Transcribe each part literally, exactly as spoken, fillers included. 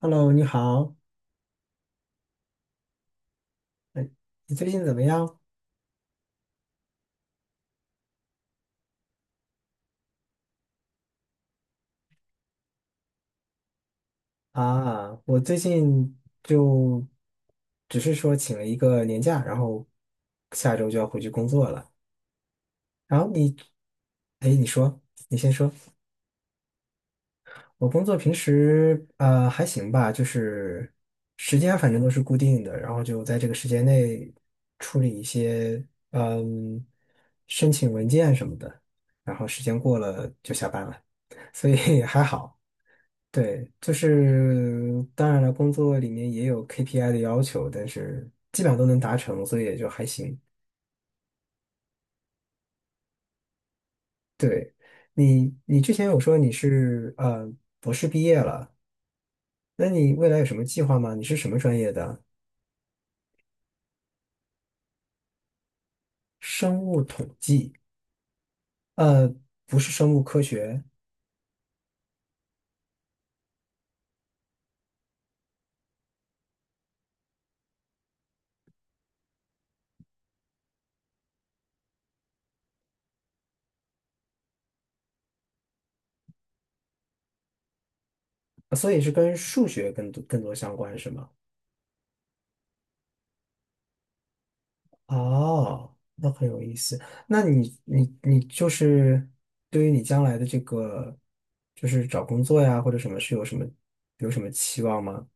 Hello，你好，哎，你最近怎么样啊？我最近就只是说请了一个年假，然后下周就要回去工作了。然后你，哎，你说我工作平时呃还行吧，就是时间反正都是固定的，然后就在这个时间内处理一些嗯申请文件什么的，然后时间过了就下班了，所以还好。对，就是当然了，工作里面也有 K P I 的要求，但是基本上都能达成，所以也就还行。对，你，你之前有说你是呃博士毕业了，那你未来有什么计划吗？你是什么专业的？生物统计，呃，不是生物科学，呃所以是跟数学更多更多相关，是吗？哦，那很有意思。那你你你就是对于你将来的这个，就是找工作呀或者什么，是有什么有什么期望吗？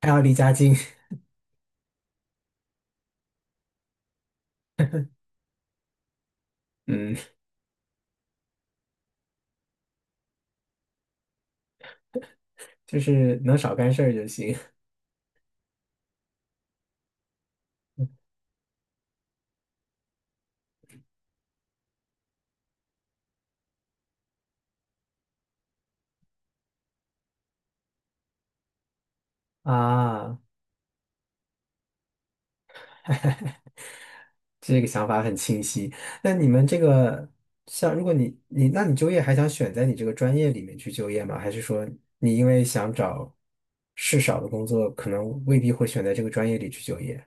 还要离家近，嗯，就是能少干事儿就行啊。这个想法很清晰。那你们这个像，如果你你那你就业还想选在你这个专业里面去就业吗？还是说你因为想找事少的工作，可能未必会选在这个专业里去就业？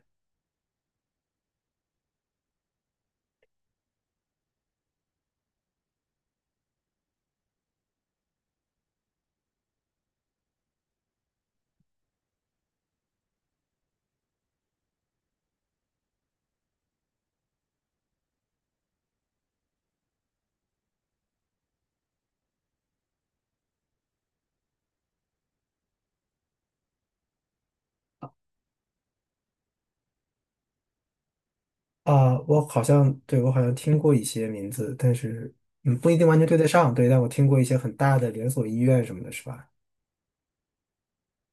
啊，我好像，对，我好像听过一些名字，但是，嗯，不一定完全对得上，对，但我听过一些很大的连锁医院什么的，是吧？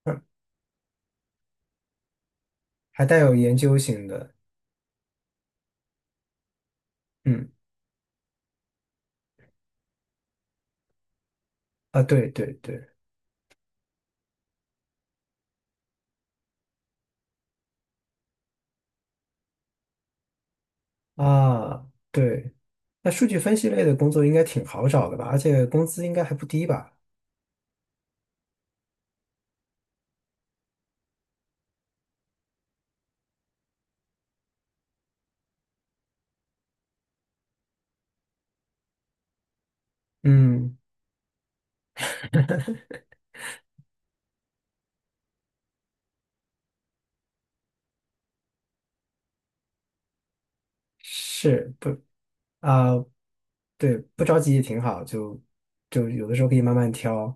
嗯，还带有研究型的，嗯，啊，对对对，啊，对，那数据分析类的工作应该挺好找的吧？而且工资应该还不低吧？嗯，是。啊、对，不着急也挺好，就就有的时候可以慢慢挑。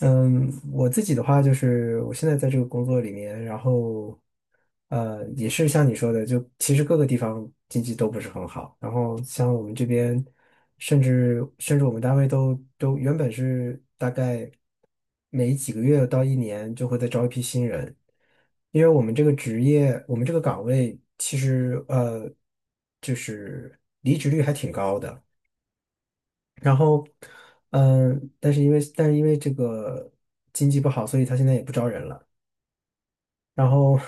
嗯，我自己的话就是，我现在在这个工作里面，然后呃，也是像你说的，就其实各个地方经济都不是很好。然后像我们这边，甚至甚至我们单位都都原本是大概每几个月到一年就会再招一批新人，因为我们这个职业，我们这个岗位其实呃，就是离职率还挺高的。然后，嗯、但是因为但是因为这个经济不好，所以他现在也不招人了。然后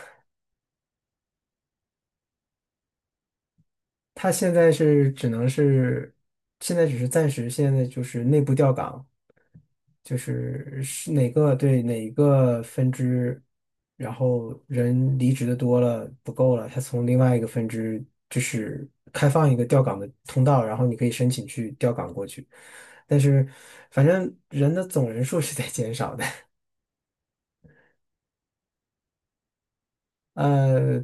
他现在是只能是，现在只是暂时，现在就是内部调岗，就是是哪个对哪个分支，然后人离职的多了不够了，他从另外一个分支就是开放一个调岗的通道，然后你可以申请去调岗过去，但是反正人的总人数是在减少的。呃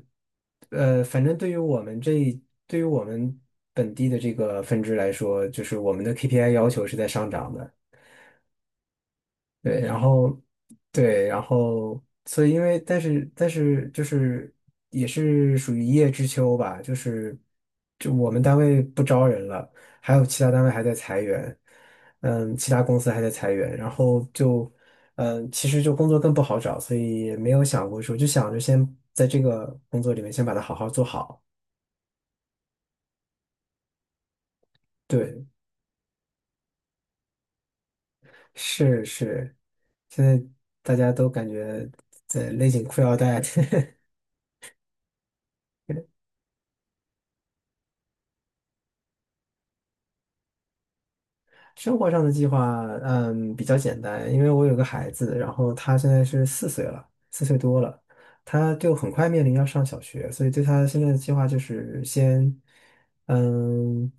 呃，反正对于我们这一对于我们本地的这个分支来说，就是我们的 K P I 要求是在上涨的。对，然后对，然后所以因为但是但是就是也是属于一叶知秋吧，就是就我们单位不招人了，还有其他单位还在裁员，嗯，其他公司还在裁员，然后就嗯，其实就工作更不好找，所以也没有想过说，就想着先在这个工作里面先把它好好做好。对，是是，现在大家都感觉在勒紧裤腰带。生活上的计划，嗯，比较简单，因为我有个孩子，然后他现在是四岁了，四岁多了，他就很快面临要上小学，所以对他现在的计划就是先，嗯，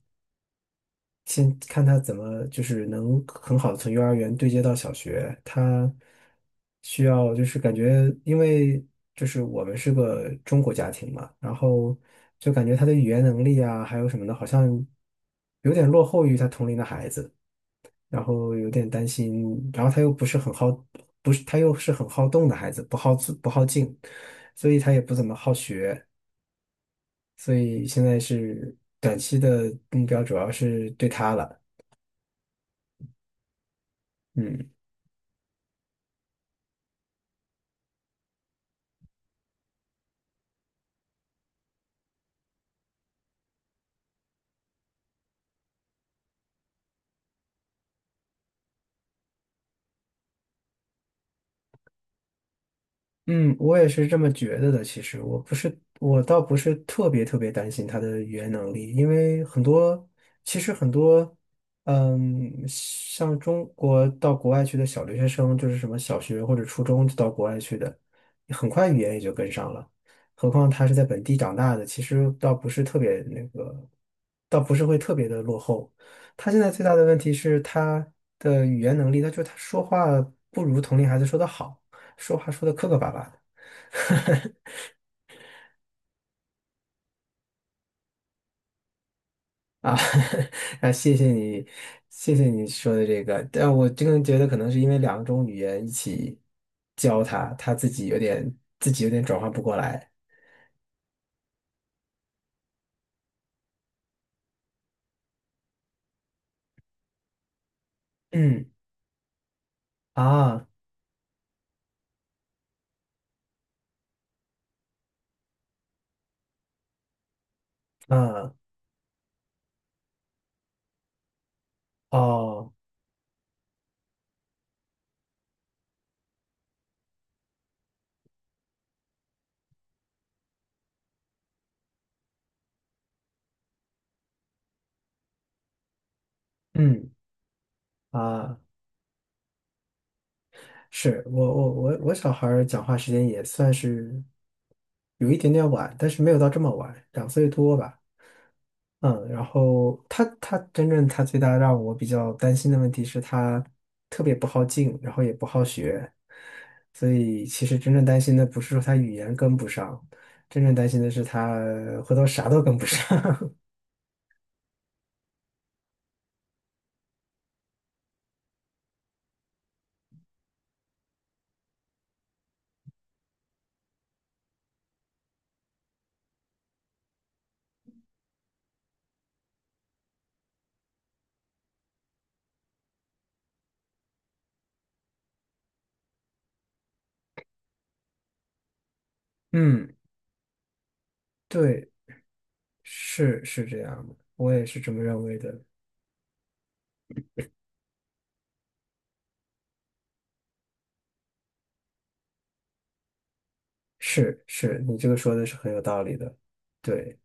先看他怎么就是能很好的从幼儿园对接到小学，他需要就是感觉，因为就是我们是个中国家庭嘛，然后就感觉他的语言能力啊，还有什么的，好像有点落后于他同龄的孩子。然后有点担心，然后他又不是很好，不是他又是很好动的孩子，不好自不好静，所以他也不怎么好学，所以现在是短期的目标主要是对他了，嗯。嗯，我也是这么觉得的。其实我不是，我倒不是特别特别担心他的语言能力，因为很多，其实很多，嗯，像中国到国外去的小留学生，就是什么小学或者初中就到国外去的，很快语言也就跟上了。何况他是在本地长大的，其实倒不是特别那个，倒不是会特别的落后。他现在最大的问题是他的语言能力，他就他说话不如同龄孩子说的好。说话说的磕磕巴巴的 啊，啊，谢谢你，谢谢你说的这个，但我真的觉得可能是因为两种语言一起教他，他自己有点自己有点转换不过来。嗯啊啊哦嗯啊，是我我我我小孩儿讲话时间也算是有一点点晚，但是没有到这么晚，两岁多吧。嗯，然后他他真正他最大让我比较担心的问题是他特别不好静，然后也不好学，所以其实真正担心的不是说他语言跟不上，真正担心的是他回头啥都跟不上。嗯，对，是是这样的，我也是这么认为的。是是，你这个说的是很有道理的。对。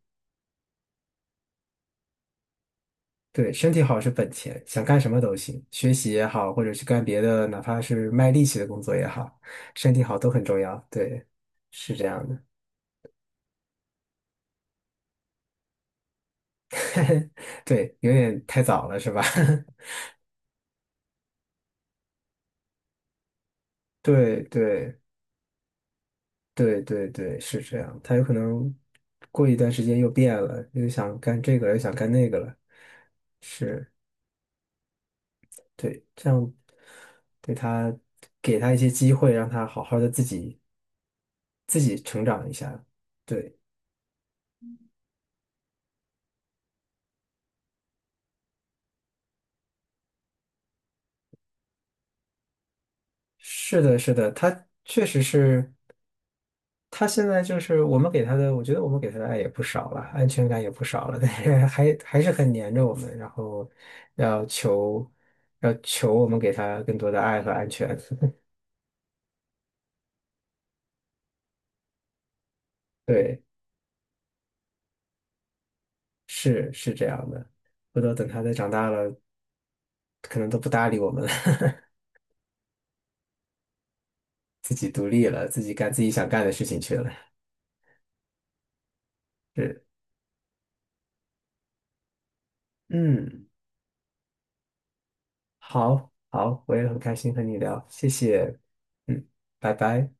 对，身体好是本钱，想干什么都行，学习也好，或者是干别的，哪怕是卖力气的工作也好，身体好都很重要。对，是这样的。对，有点太早了，是吧？对对对对对，是这样。他有可能过一段时间又变了，又想干这个了又想干那个了。是，对，这样对他给他一些机会，让他好好的自己自己成长一下。对。是的，是的，他确实是，他现在就是我们给他的，我觉得我们给他的爱也不少了，安全感也不少了，但是还还是很粘着我们，然后要求要求我们给他更多的爱和安全。对，是是这样的。回头等他再长大了，可能都不搭理我们了，自己独立了，自己干自己想干的事情去了。是，嗯，好，好，我也很开心和你聊，谢谢，嗯，拜拜。